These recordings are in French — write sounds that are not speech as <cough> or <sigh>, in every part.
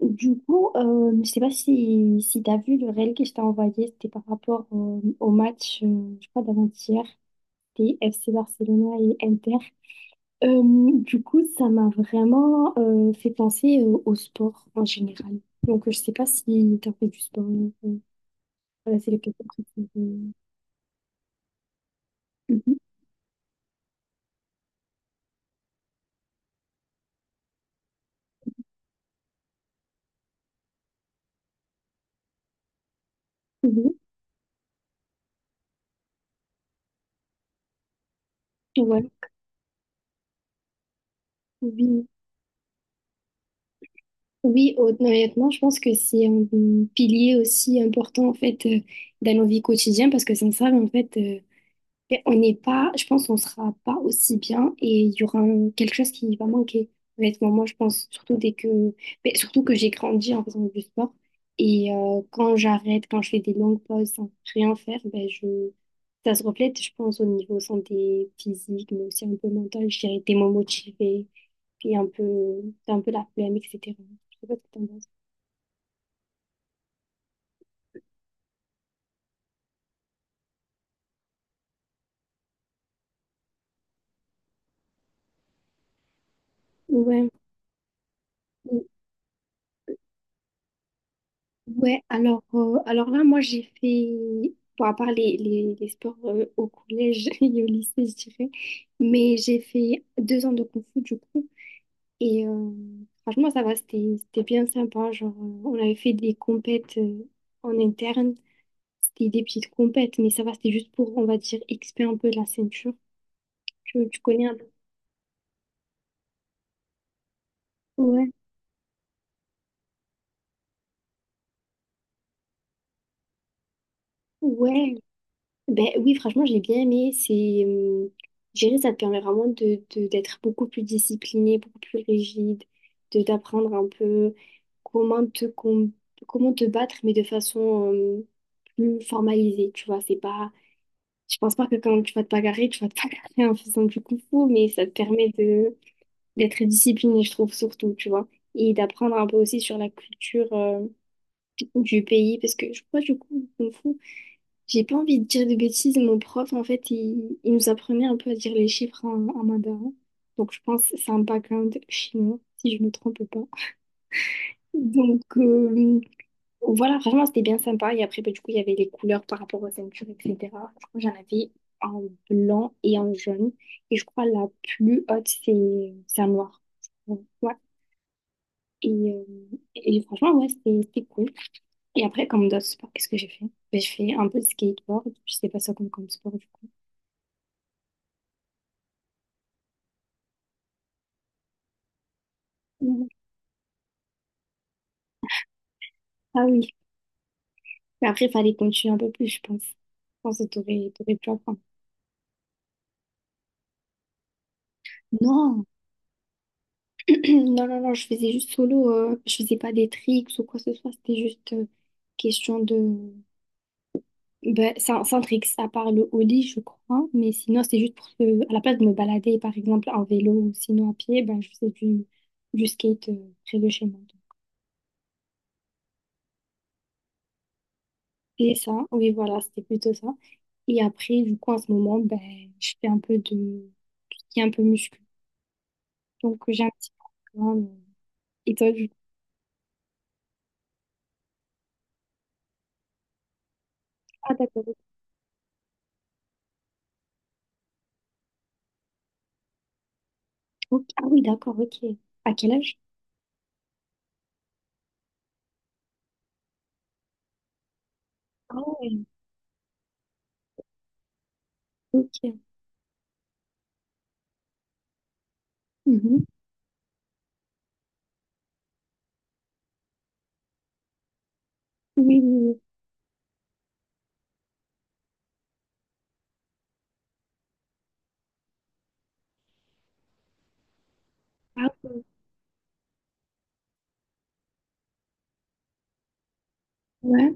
Du coup, je sais pas si tu as vu le réel que je t'ai envoyé, c'était par rapport au match, je crois, d'avant-hier, des FC Barcelona et Inter. Euh, du coup, ça m'a vraiment fait penser au sport en général. Donc, je sais pas si tu as fait du sport. euh, voilà, c'est le question préférée. Mhm, mhm, ouais, oui. Oui, honnêtement, je pense que c'est un pilier aussi important en fait dans nos vies quotidiennes parce que sans ça, en fait, mais on n'est pas, je pense qu'on sera pas aussi bien et il y aura quelque chose qui va manquer. Honnêtement, moi, je pense surtout dès que, mais surtout que j'ai grandi en faisant du sport et quand j'arrête, quand je fais des longues pauses sans rien faire, ben je, ça se reflète, je pense, au niveau santé physique, mais aussi un peu mental. Je dirais, t'es moins motivé, puis un peu, t'as un peu la flemme, etc. Je sais pas ce que t'en penses. Ouais. Ouais, alors là, moi, j'ai fait, bon, à part les sports au collège <laughs> et au lycée, je dirais, mais j'ai fait 2 ans de kung fu, du coup, et franchement, ça va, c'était bien sympa, genre, on avait fait des compètes en interne, c'était des petites compètes, mais ça va, c'était juste pour, on va dire, expier un peu la ceinture, tu connais un peu. Ouais, ouais. Ben oui, franchement, j'ai bien aimé. C'est, euh, je dirais, ça te permet vraiment de, d'être beaucoup plus discipliné, beaucoup plus rigide, de d'apprendre un peu comment te, comment te battre, mais de façon plus formalisée. Tu vois, c'est pas, je pense pas que quand tu vas te bagarrer, tu vas te <laughs> bagarrer en faisant du kung fu, mais ça te permet de d'être discipliné, je trouve, surtout, tu vois, et d'apprendre un peu aussi sur la culture du pays, parce que je crois du coup, le kung fu. J'ai pas envie de dire de bêtises, mon prof, en fait, il nous apprenait un peu à dire les chiffres en mandarin. Donc, je pense que c'est un background chinois, si je me trompe pas. Donc, voilà, franchement, c'était bien sympa. Et après, bah, du coup, il y avait les couleurs par rapport aux ceintures, etc. Je crois que j'en avais en blanc et en jaune. Et je crois la plus haute, c'est en noir. Donc, ouais. Et, euh, et, franchement, ouais, c'était cool. Et après, comme d'autres sports, qu'est-ce que j'ai fait? Ben, je fais un peu de skateboard. Je sais pas ça comme sport, du coup. Ah oui, mais après, il fallait continuer un peu plus, je pense. Je pense que t'aurais pu apprendre. Non. <clears throat> Non, non, non, je faisais juste solo. Je faisais pas des tricks ou quoi que ce soit. C'était juste question de. Ben, sans tricks, à part le ollie, je crois. Mais sinon, c'était juste pour que, à la place de me balader, par exemple, en vélo ou sinon à pied, ben, je faisais du skate près de chez moi. Et ça, oui, voilà, c'était plutôt ça. Et après, du coup, en ce moment, ben, je fais un peu de tout ce qui est un peu muscu. Donc, j'ai un petit programme. Et toi, du coup, ah d'accord. Ok. Ah oui, d'accord, ok. À quel âge? Ah ouais, ok. Mhm. Oui, oui, oui. Ah ouais. Ouais.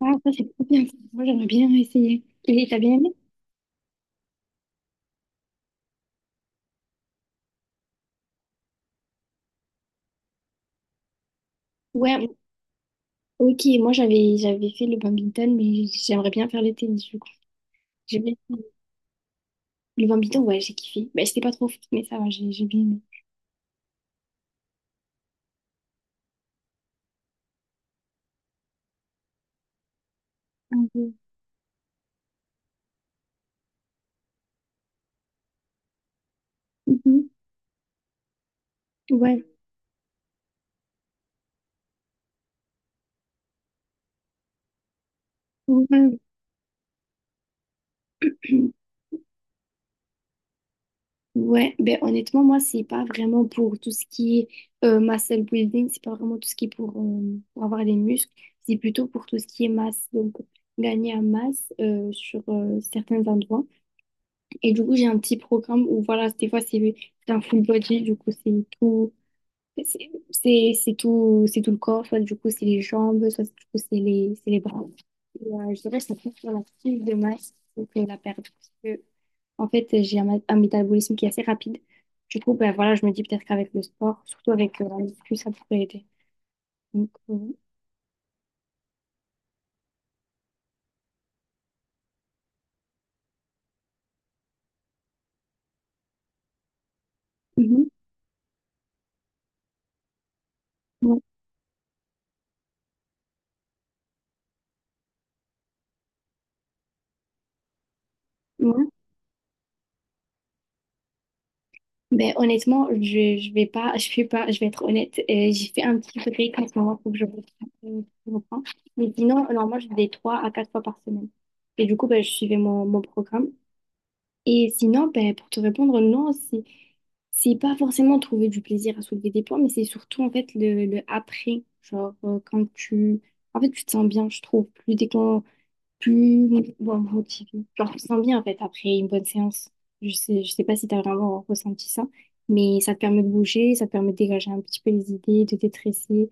Ah, ça c'est trop bien. Moi, j'aimerais bien essayer. Et t'as bien aimé? Ouais, ok. Moi, j'avais fait le badminton, mais j'aimerais bien faire le tennis, du coup. J'ai bien aimé. Le badminton, ouais, j'ai kiffé. Bah, c'était pas trop fort, mais ça va, j'ai bien aimé. Ah ouais. Mhm. Ouais. Ouais. <clears throat> Ouais, ben honnêtement, moi, c'est pas vraiment pour tout ce qui est muscle building, c'est pas vraiment tout ce qui est pour avoir des muscles, c'est plutôt pour tout ce qui est masse, donc gagner en masse sur certains endroits. Et du coup, j'ai un petit programme où, voilà, des fois, c'est un full body, du coup, c'est tout, c'est tout, c'est tout le corps, soit du coup, c'est les jambes, soit du coup, c'est les bras. Et, je dirais que ça compte sur la prise de masse, donc la perte. En fait, j'ai un métabolisme qui est assez rapide. Du coup, ben voilà, je me dis peut-être qu'avec le sport, surtout avec la muscu, ça pourrait aider. Donc, mhm, ouais, ouais. Ben, honnêtement, je vais pas, je fais pas, je vais être honnête. J'ai fait un petit break en ce moment, pour que je reprenne. Je reprends. Mais sinon, normalement, je fais des 3 à 4 fois par semaine. Et du coup, ben, je suivais mon programme. Et sinon, ben, pour te répondre, non, c'est pas forcément trouver du plaisir à soulever des poids, mais c'est surtout en fait le après. Genre, quand tu. En fait, tu te sens bien, je trouve, plus bon, motivé. Genre, tu te sens bien en fait après une bonne séance. Je sais pas si t'as vraiment ressenti ça, mais ça te permet de bouger, ça te permet de dégager un petit peu les idées, de détresser.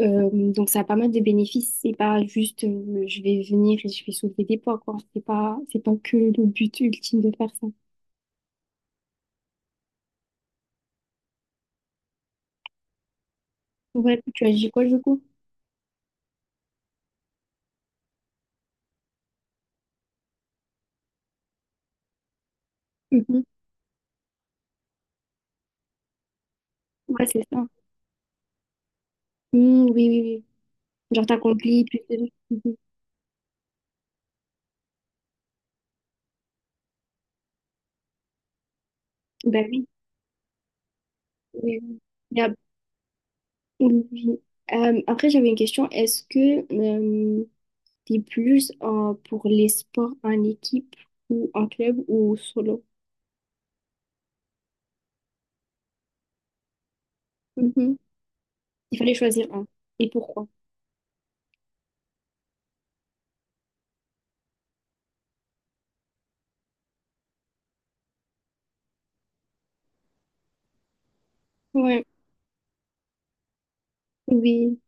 Donc, ça a pas mal de bénéfices. C'est pas juste je vais venir et je vais soulever des poids, quoi. C'est pas que le but ultime de faire ça. Ouais, tu as dit quoi du coup? Mhm. Ouais, c'est ça. Mm, oui, oui, oui. Genre, t'accomplis plus de. Mhm. Ben oui, oui, oui. Il Y a- oui, oui. Après, j'avais une question. Est-ce que t'es plus pour les sports en équipe ou en club ou solo? Mhm. Il fallait choisir un. Et pourquoi? Ouais, oui,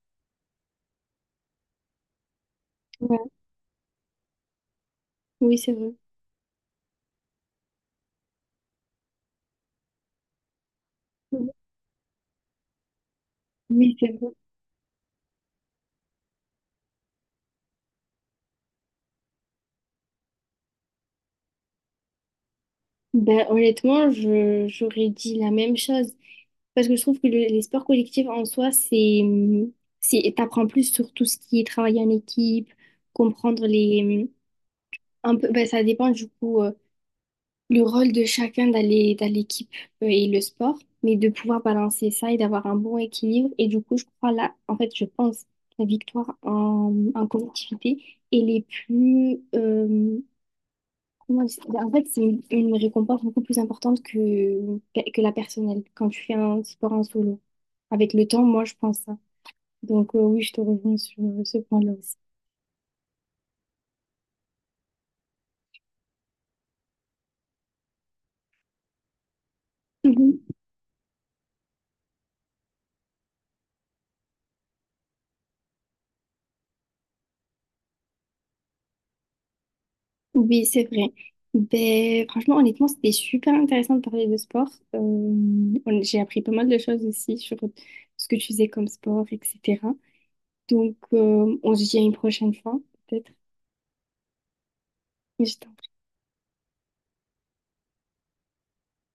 ouais. Oui, c'est vrai. Oui, c'est vrai. Ben, honnêtement, j'aurais dit la même chose. Parce que je trouve que les sports collectifs en soi, t'apprends plus sur tout ce qui est travailler en équipe, comprendre les, un peu, ben, ça dépend du coup, le rôle de chacun dans dans l'équipe et le sport, mais de pouvoir balancer ça et d'avoir un bon équilibre. Et du coup, je crois là, en fait, je pense, la victoire en collectivité, elle est plus, comment dire ben, en fait, c'est une récompense beaucoup plus importante que, la personnelle quand tu fais un sport en solo. Avec le temps, moi, je pense ça. Donc, oui, je te rejoins sur ce point-là aussi. Mhm. Oui, c'est vrai. Ben, franchement, honnêtement, c'était super intéressant de parler de sport. J'ai appris pas mal de choses aussi sur ce que tu faisais comme sport, etc. Donc, on se dit à une prochaine fois, peut-être. Mais je